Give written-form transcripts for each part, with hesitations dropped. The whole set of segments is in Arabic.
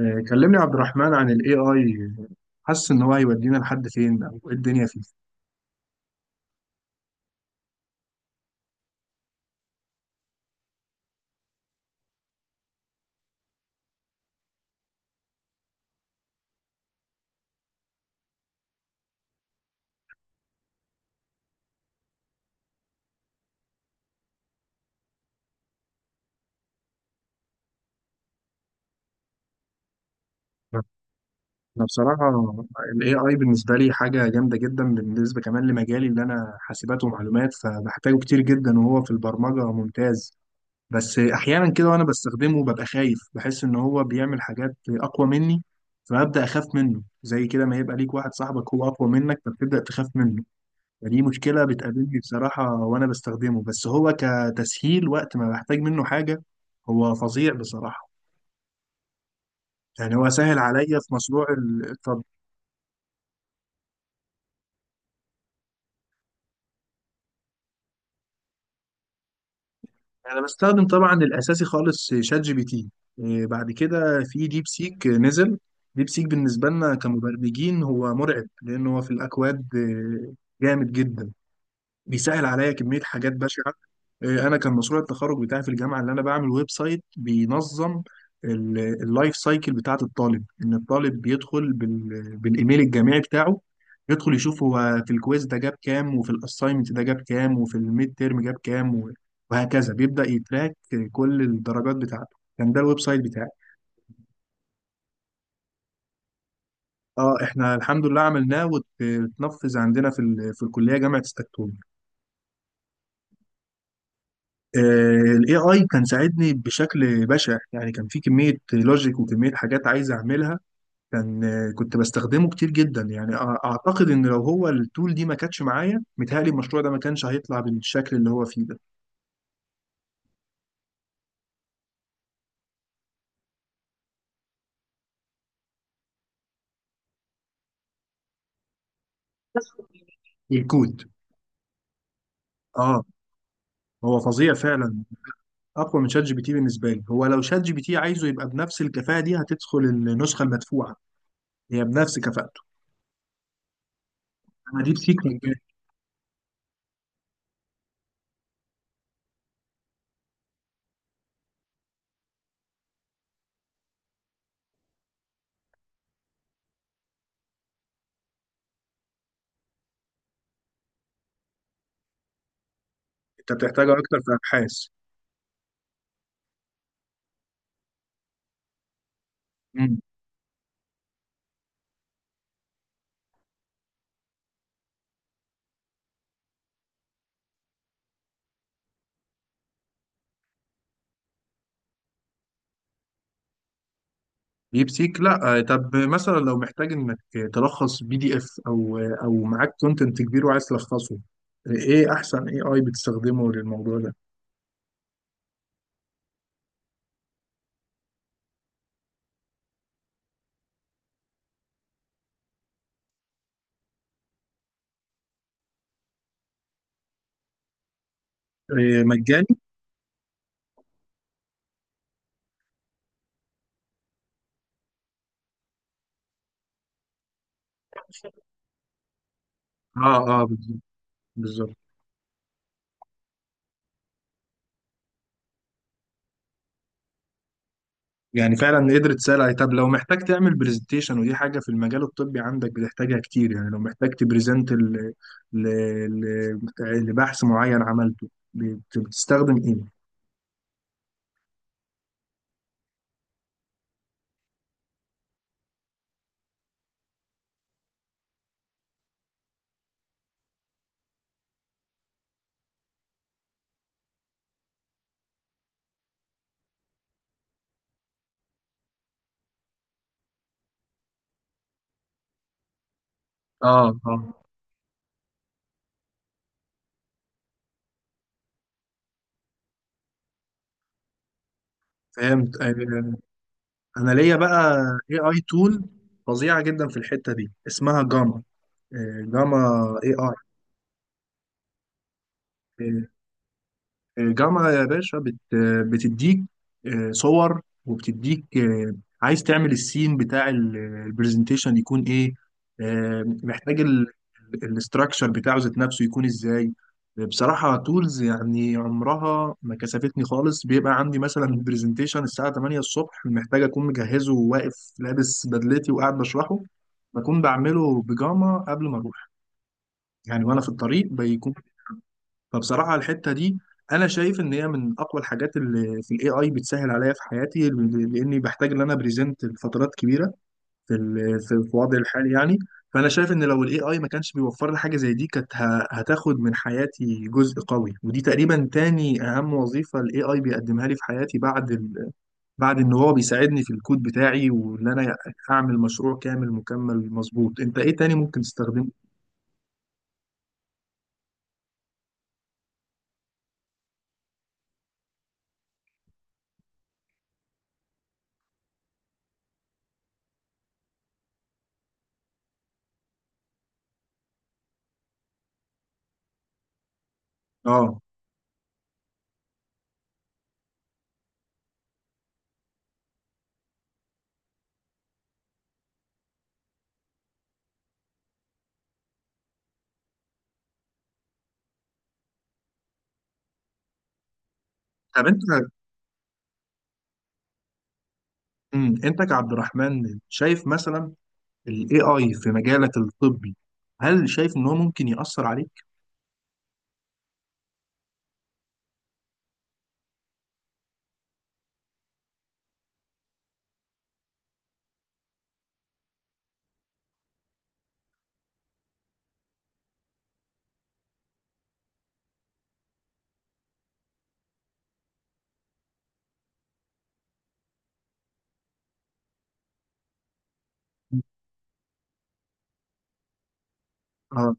كلمني يا عبد الرحمن عن ال AI. حاسس إن هو هيودينا لحد فين أو إيه الدنيا فيه؟ أنا بصراحة ال AI بالنسبة لي حاجة جامدة جدا، بالنسبة كمان لمجالي اللي أنا حاسبات ومعلومات فبحتاجه كتير جدا، وهو في البرمجة ممتاز. بس أحيانا كده وأنا بستخدمه ببقى خايف، بحس إن هو بيعمل حاجات أقوى مني، فببدأ أخاف منه. زي كده ما يبقى ليك واحد صاحبك هو أقوى منك فبتبدأ تخاف منه. فدي مشكلة بتقابلني بصراحة وأنا بستخدمه، بس هو كتسهيل وقت ما بحتاج منه حاجة هو فظيع بصراحة. يعني هو سهل عليا في مشروع الطب. أنا بستخدم طبعا الأساسي خالص شات جي بي تي. بعد كده في ديب سيك نزل. ديب سيك بالنسبة لنا كمبرمجين هو مرعب، لأن هو في الأكواد جامد جدا. بيسهل عليا كمية حاجات بشعة. أنا كان مشروع التخرج بتاعي في الجامعة اللي أنا بعمل ويب سايت بينظم اللايف سايكل بتاعة الطالب، إن الطالب بيدخل بالإيميل الجامعي بتاعه، يدخل يشوف هو في الكويز ده جاب كام، وفي الأساينمنت ده جاب كام، وفي الميد تيرم جاب كام وهكذا بيبدأ يتراك كل الدرجات بتاعته. كان ده الويب سايت بتاعي. اه، احنا الحمد لله عملناه واتنفذ عندنا في في الكلية جامعة ستكتون. الاي اي كان ساعدني بشكل بشع، يعني كان في كميه لوجيك وكميه حاجات عايز اعملها. كان كنت بستخدمه كتير جدا، يعني اعتقد ان لو هو التول دي ما كانتش معايا متهيألي المشروع ده ما كانش هيطلع بالشكل اللي هو فيه ده. الكود اه. هو فظيع فعلا. اقوى من شات جي بي تي بالنسبه لي، هو لو شات جي بي تي عايزه يبقى بنفس الكفاءه دي هتدخل النسخه المدفوعه هي بنفس كفاءته. انا ديب سيك ممكن. انت بتحتاجها اكتر في ابحاث. بيبسيك لا. طب مثلا لو محتاج انك تلخص بي دي اف او او معاك كونتنت كبير وعايز تلخصه، ايه احسن اي اي بتستخدمه للموضوع ده؟ مجاني؟ اه اه، بالظبط. يعني فعلا قدرت تسال. طب لو محتاج تعمل برزنتيشن، ودي حاجه في المجال الطبي عندك بتحتاجها كتير، يعني لو محتاج تبرزنت ل... لبحث معين عملته، بتستخدم ايه؟ اه اه، فهمت انا ليا بقى اي اي تول فظيعه جدا في الحته دي، اسمها جاما. جاما اي اي. الجامعة يا باشا بتديك صور، وبتديك عايز تعمل السين بتاع البرزنتيشن يكون ايه، محتاج الاستراكشر بتاعه ذات نفسه يكون ازاي. بصراحة تولز يعني عمرها ما كسفتني خالص. بيبقى عندي مثلا برزنتيشن الساعة 8 الصبح، محتاج أكون مجهزه وواقف لابس بدلتي وقاعد بشرحه، بكون بعمله بيجاما قبل ما أروح، يعني وأنا في الطريق بيكون. فبصراحة الحتة دي أنا شايف إن هي من أقوى الحاجات اللي في ال AI، بتسهل عليا في حياتي لأني بحتاج إن أنا بريزنت لفترات كبيرة في في وضعي الحالي يعني. فأنا شايف إن لو ال AI ما كانش بيوفر لي حاجة زي دي كانت هتاخد من حياتي جزء قوي. ودي تقريبا تاني أهم وظيفة ال AI بيقدمها لي في حياتي، بعد بعد إن هو بيساعدني في الكود بتاعي وإن أنا أعمل مشروع كامل مكمل مظبوط. أنت إيه تاني ممكن تستخدمه؟ آه، طب انت، مم، انت كعبد الرحمن شايف مثلا ال AI في مجالك الطبي، هل شايف إن هو ممكن يأثر عليك؟ اه،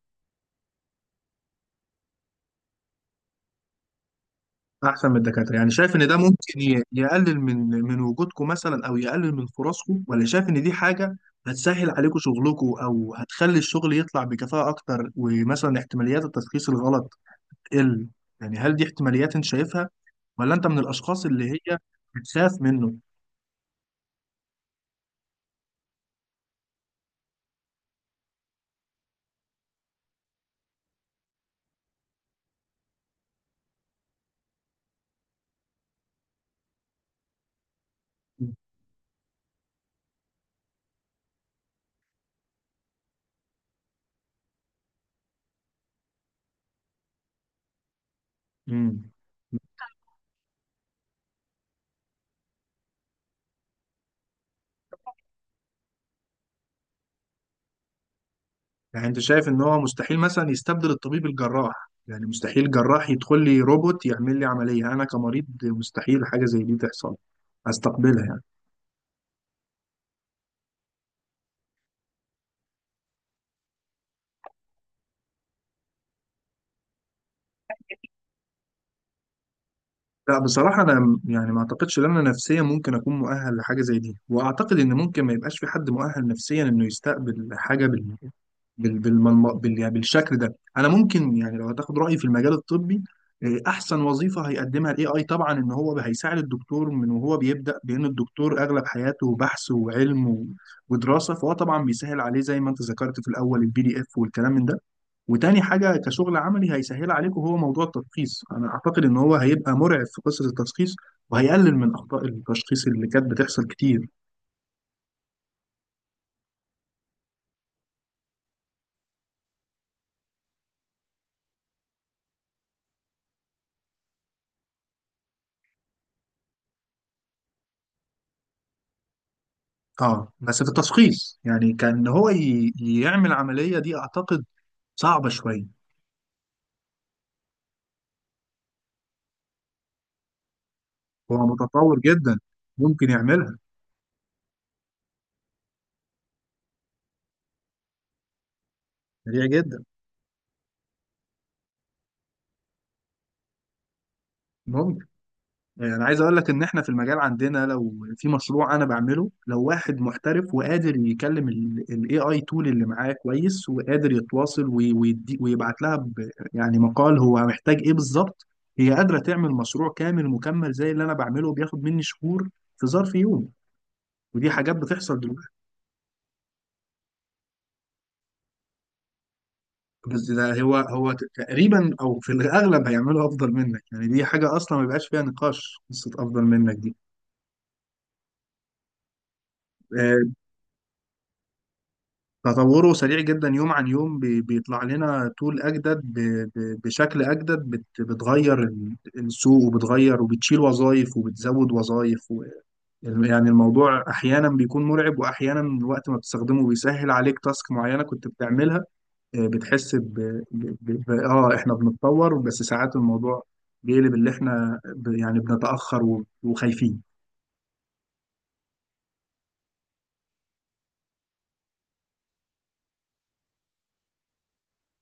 أحسن من الدكاترة، يعني شايف إن ده ممكن يقلل من من وجودكم مثلا، أو يقلل من فرصكم، ولا شايف إن دي حاجة هتسهل عليكم شغلكم، أو هتخلي الشغل يطلع بكفاءة أكتر، ومثلا احتماليات التشخيص الغلط تقل؟ يعني هل دي احتماليات أنت شايفها، ولا أنت من الأشخاص اللي هي بتخاف منه؟ مم. يعني انت شايف ان هو مستحيل مثلا يستبدل الطبيب الجراح؟ يعني مستحيل الجراح يدخل لي روبوت يعمل لي عملية، انا كمريض مستحيل حاجة زي دي تحصل استقبلها يعني؟ لا بصراحة أنا يعني ما أعتقدش إن أنا نفسيا ممكن أكون مؤهل لحاجة زي دي، وأعتقد إن ممكن ما يبقاش في حد مؤهل نفسيا إنه يستقبل حاجة يعني بالشكل ده. أنا ممكن يعني لو هتاخد رأيي في المجال الطبي، أحسن وظيفة هيقدمها ال AI طبعا إن هو هيساعد الدكتور من وهو بيبدأ، بأن الدكتور أغلب حياته بحث وعلم ودراسة، فهو طبعا بيسهل عليه زي ما أنت ذكرت في الأول البي دي إف والكلام من ده. وتاني حاجة كشغل عملي هيسهل عليكم هو موضوع التشخيص. أنا أعتقد إن هو هيبقى مرعب في قصة التشخيص، وهيقلل من أخطاء التشخيص اللي كانت بتحصل كتير. أه بس في التشخيص، يعني كان هو يعمل عملية دي أعتقد صعبة شوية. هو متطور جدا، ممكن يعملها سريع جدا. ممكن. يعني انا عايز اقول لك ان احنا في المجال عندنا لو في مشروع انا بعمله، لو واحد محترف وقادر يكلم الاي اي تول اللي معاه كويس، وقادر يتواصل ويدي ويبعت لها يعني مقال هو محتاج ايه بالظبط، هي قادرة تعمل مشروع كامل مكمل زي اللي انا بعمله بياخد مني شهور في ظرف يوم. ودي حاجات بتحصل دلوقتي. بس ده هو هو تقريبا او في الاغلب هيعملوا افضل منك. يعني دي حاجة اصلا ما بيبقاش فيها نقاش قصة افضل منك دي. تطوره سريع جدا يوم عن يوم، بيطلع لنا طول أجدد بشكل أجدد، بتغير السوق، وبتغير وبتشيل وظائف وبتزود وظائف يعني الموضوع أحيانا بيكون مرعب، وأحيانا الوقت ما بتستخدمه بيسهل عليك تاسك معينة كنت بتعملها، بتحس ب... ب... ب... ب... آه إحنا بنتطور، بس ساعات الموضوع بيقلب اللي إحنا يعني بنتأخر وخايفين.